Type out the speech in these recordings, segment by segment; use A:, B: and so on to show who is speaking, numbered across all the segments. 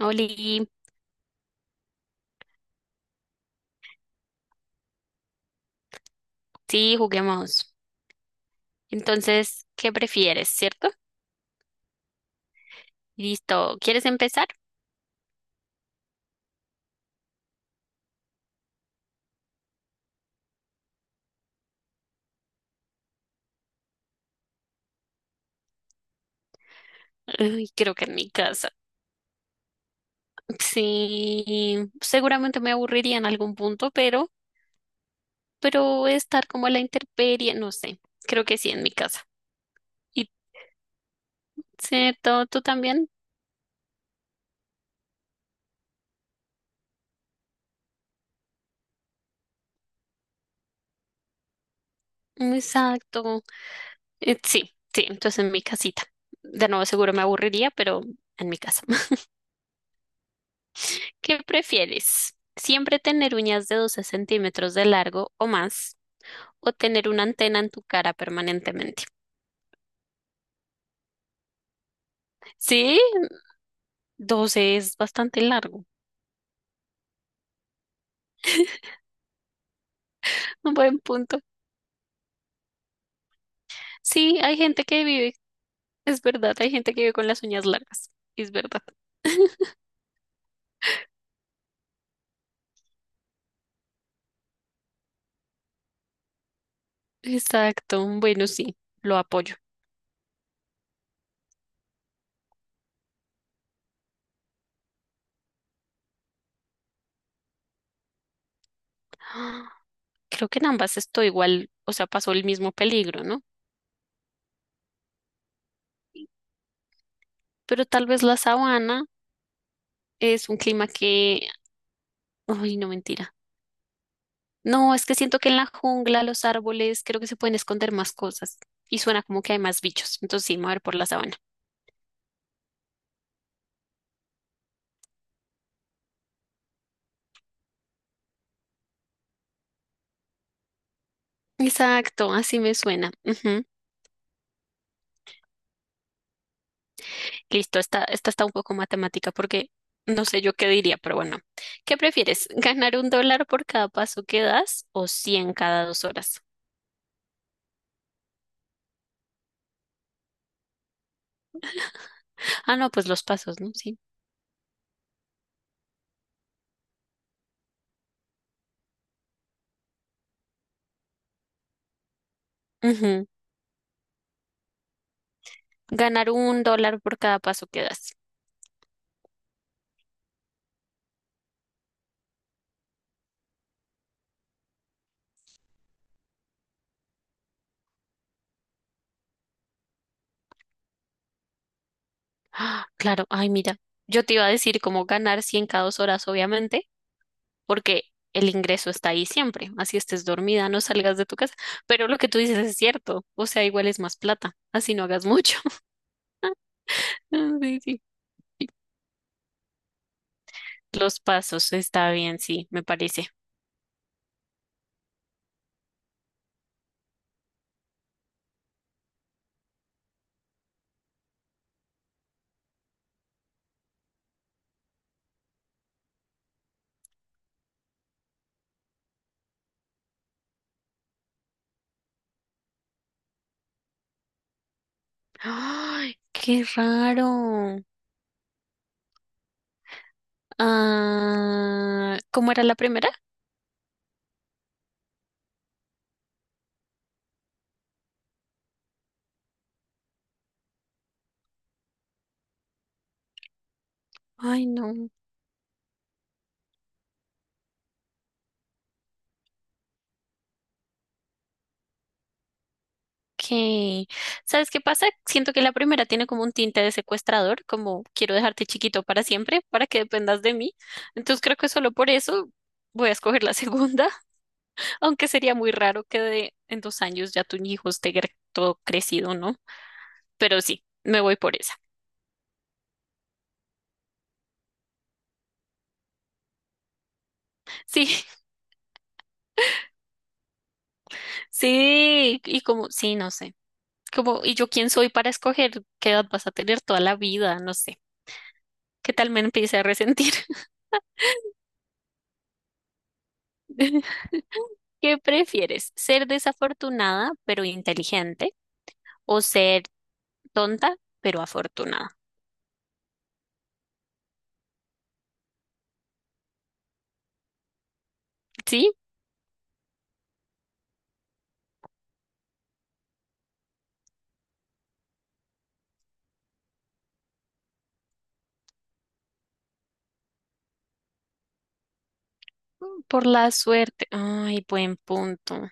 A: Oli, sí, juguemos. Entonces, ¿qué prefieres, cierto? Listo, ¿quieres empezar? Ay, creo que en mi casa. Sí, seguramente me aburriría en algún punto, pero estar como a la intemperie, no sé, creo que sí, en mi casa. ¿Y cierto? ¿Tú también? Exacto. Sí, sí, entonces en mi casita. De nuevo, seguro me aburriría, pero en mi casa. ¿Qué prefieres? ¿Siempre tener uñas de 12 centímetros de largo o más o tener una antena en tu cara permanentemente? Sí, 12 es bastante largo. Un buen punto. Sí, hay gente que vive, es verdad, hay gente que vive con las uñas largas, es verdad. Exacto, bueno, sí, lo apoyo. Ah, creo que en ambas estoy igual, o sea, pasó el mismo peligro, ¿no? Pero tal vez la sabana es un clima que, uy, no mentira. No, es que siento que en la jungla, los árboles, creo que se pueden esconder más cosas y suena como que hay más bichos. Entonces sí, me voy a ir por la sabana. Exacto, así me suena. Ujú. Listo, esta está un poco matemática porque no sé yo qué diría, pero bueno. ¿Qué prefieres? ¿Ganar $1 por cada paso que das o 100 cada 2 horas? Ah, no, pues los pasos, ¿no? Sí. Ujú. Ganar $1 por cada paso que das. Ah, claro, ay, mira, yo te iba a decir cómo ganar 100 cada 2 horas, obviamente, porque el ingreso está ahí siempre. Así estés dormida, no salgas de tu casa. Pero lo que tú dices es cierto, o sea, igual es más plata, así no hagas mucho. Sí, sí. Los pasos, está bien, sí, me parece. ¡Ay, qué raro! Ah, ¿cómo era la primera? Ay, no. ¿Qué? ¿Sabes qué pasa? Siento que la primera tiene como un tinte de secuestrador, como quiero dejarte chiquito para siempre, para que dependas de mí. Entonces creo que solo por eso voy a escoger la segunda, aunque sería muy raro que en 2 años ya tu hijo esté todo crecido, ¿no? Pero sí, me voy por esa. Sí, sí, y como, sí, no sé. Como, ¿y yo quién soy para escoger qué edad vas a tener toda la vida? No sé. ¿Qué tal me empiece a resentir? ¿Qué prefieres? ¿Ser desafortunada pero inteligente o ser tonta pero afortunada? ¿Sí? Por la suerte. Ay, buen punto.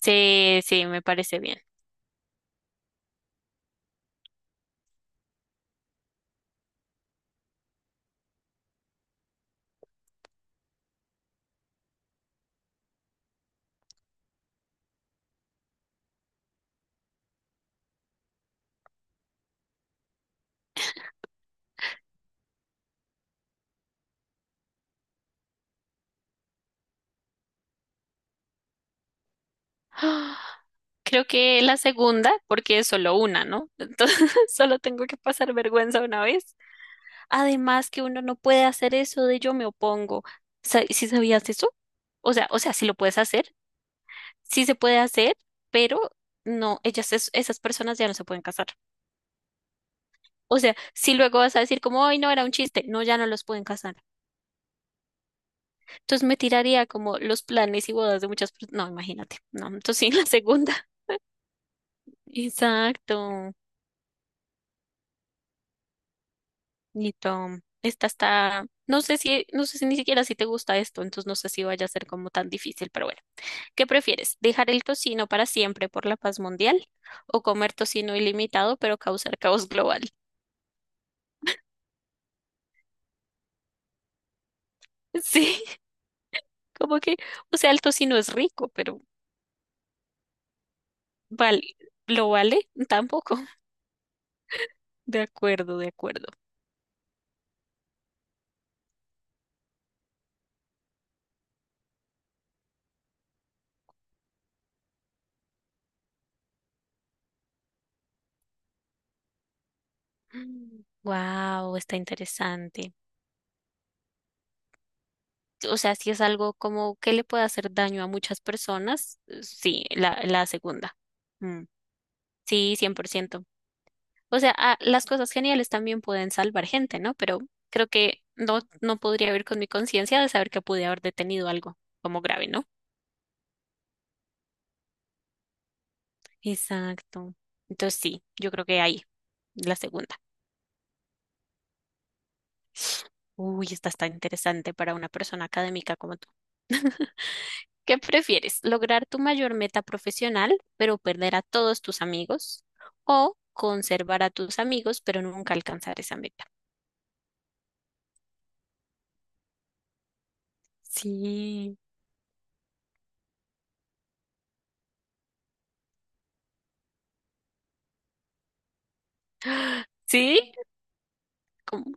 A: Sí, sí, me parece bien. Ah, creo que la segunda, porque es solo una, ¿no? Entonces, solo tengo que pasar vergüenza una vez. Además que uno no puede hacer eso de yo me opongo. ¿Si sabías eso? O sea, si lo puedes hacer, sí se puede hacer, pero no, ellas, esas personas ya no se pueden casar. O sea, si luego vas a decir como, ay, no, era un chiste, no, ya no los pueden casar. Entonces me tiraría como los planes y bodas de muchas personas. No, imagínate, no, entonces sí, la segunda. Exacto, Nito. Esta está, no sé si ni siquiera si te gusta esto, entonces no sé si vaya a ser como tan difícil, pero bueno. ¿Qué prefieres? ¿Dejar el tocino para siempre por la paz mundial o comer tocino ilimitado pero causar caos global? Sí, como que, o sea, el tocino es rico, pero vale, ¿lo vale? Tampoco. De acuerdo, de acuerdo. Wow, está interesante. O sea, si es algo como que le puede hacer daño a muchas personas, sí, la segunda. Mm, sí, 100%. O sea, ah, las cosas geniales también pueden salvar gente, ¿no? Pero creo que no, no podría vivir con mi conciencia de saber que pude haber detenido algo como grave, ¿no? Exacto. Entonces sí, yo creo que ahí, la segunda. Uy, esta está interesante para una persona académica como tú. ¿Qué prefieres? ¿Lograr tu mayor meta profesional, pero perder a todos tus amigos? ¿O conservar a tus amigos, pero nunca alcanzar esa meta? Sí. ¿Sí? ¿Cómo?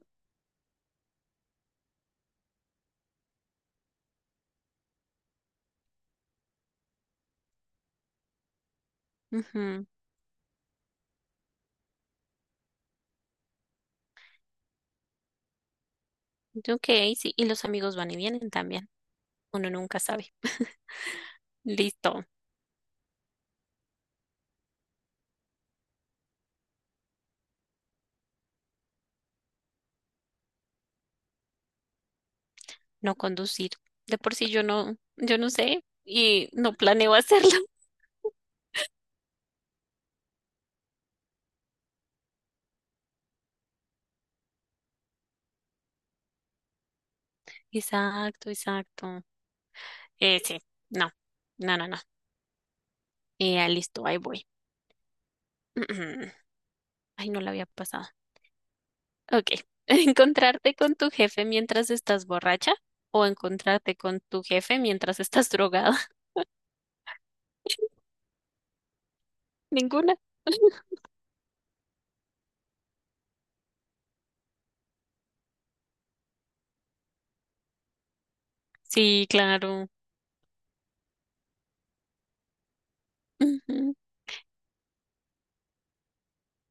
A: Ok, sí, y los amigos van y vienen también. Uno nunca sabe. Listo, no conducir. De por sí yo no sé y no planeo hacerlo. Exacto, exacto. Sí, no, no, no, no. Listo, ahí voy. Ay, no la había pasado. Ok. ¿Encontrarte con tu jefe mientras estás borracha o encontrarte con tu jefe mientras estás drogada? Ninguna. Sí, claro.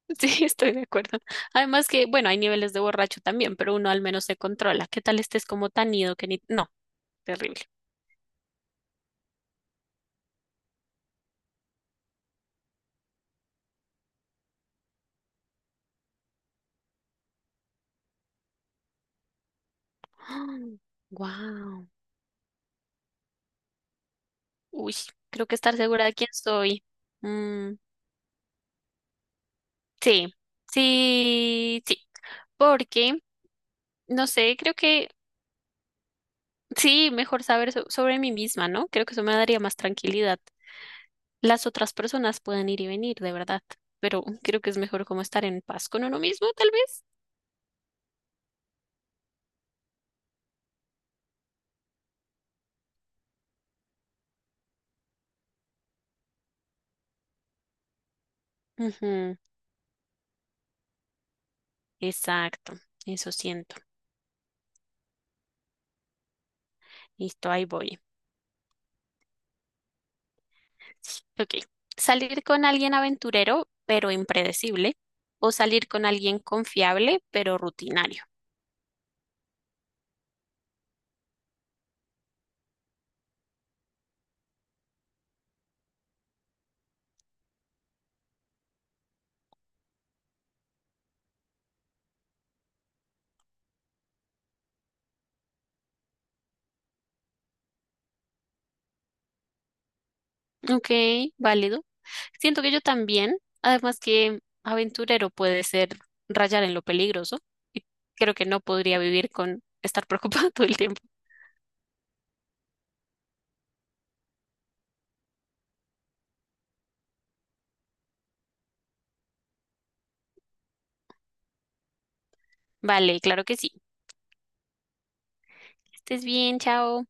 A: Sí, estoy de acuerdo. Además que, bueno, hay niveles de borracho también, pero uno al menos se controla. ¿Qué tal estés como tan ido que ni. No, terrible. Wow. Uy, creo que estar segura de quién soy. Mm, sí, sí, sí. Porque, no sé, creo que sí, mejor saber sobre mí misma, ¿no? Creo que eso me daría más tranquilidad. Las otras personas pueden ir y venir, de verdad, pero creo que es mejor como estar en paz con uno mismo, tal vez. Ujú, exacto, eso siento. Listo, ahí voy. Ok. Salir con alguien aventurero, pero impredecible. O salir con alguien confiable, pero rutinario. Ok, válido. Siento que yo también, además que aventurero puede ser rayar en lo peligroso. Y creo que no podría vivir con estar preocupado todo el tiempo. Vale, claro que sí. Estés bien, chao.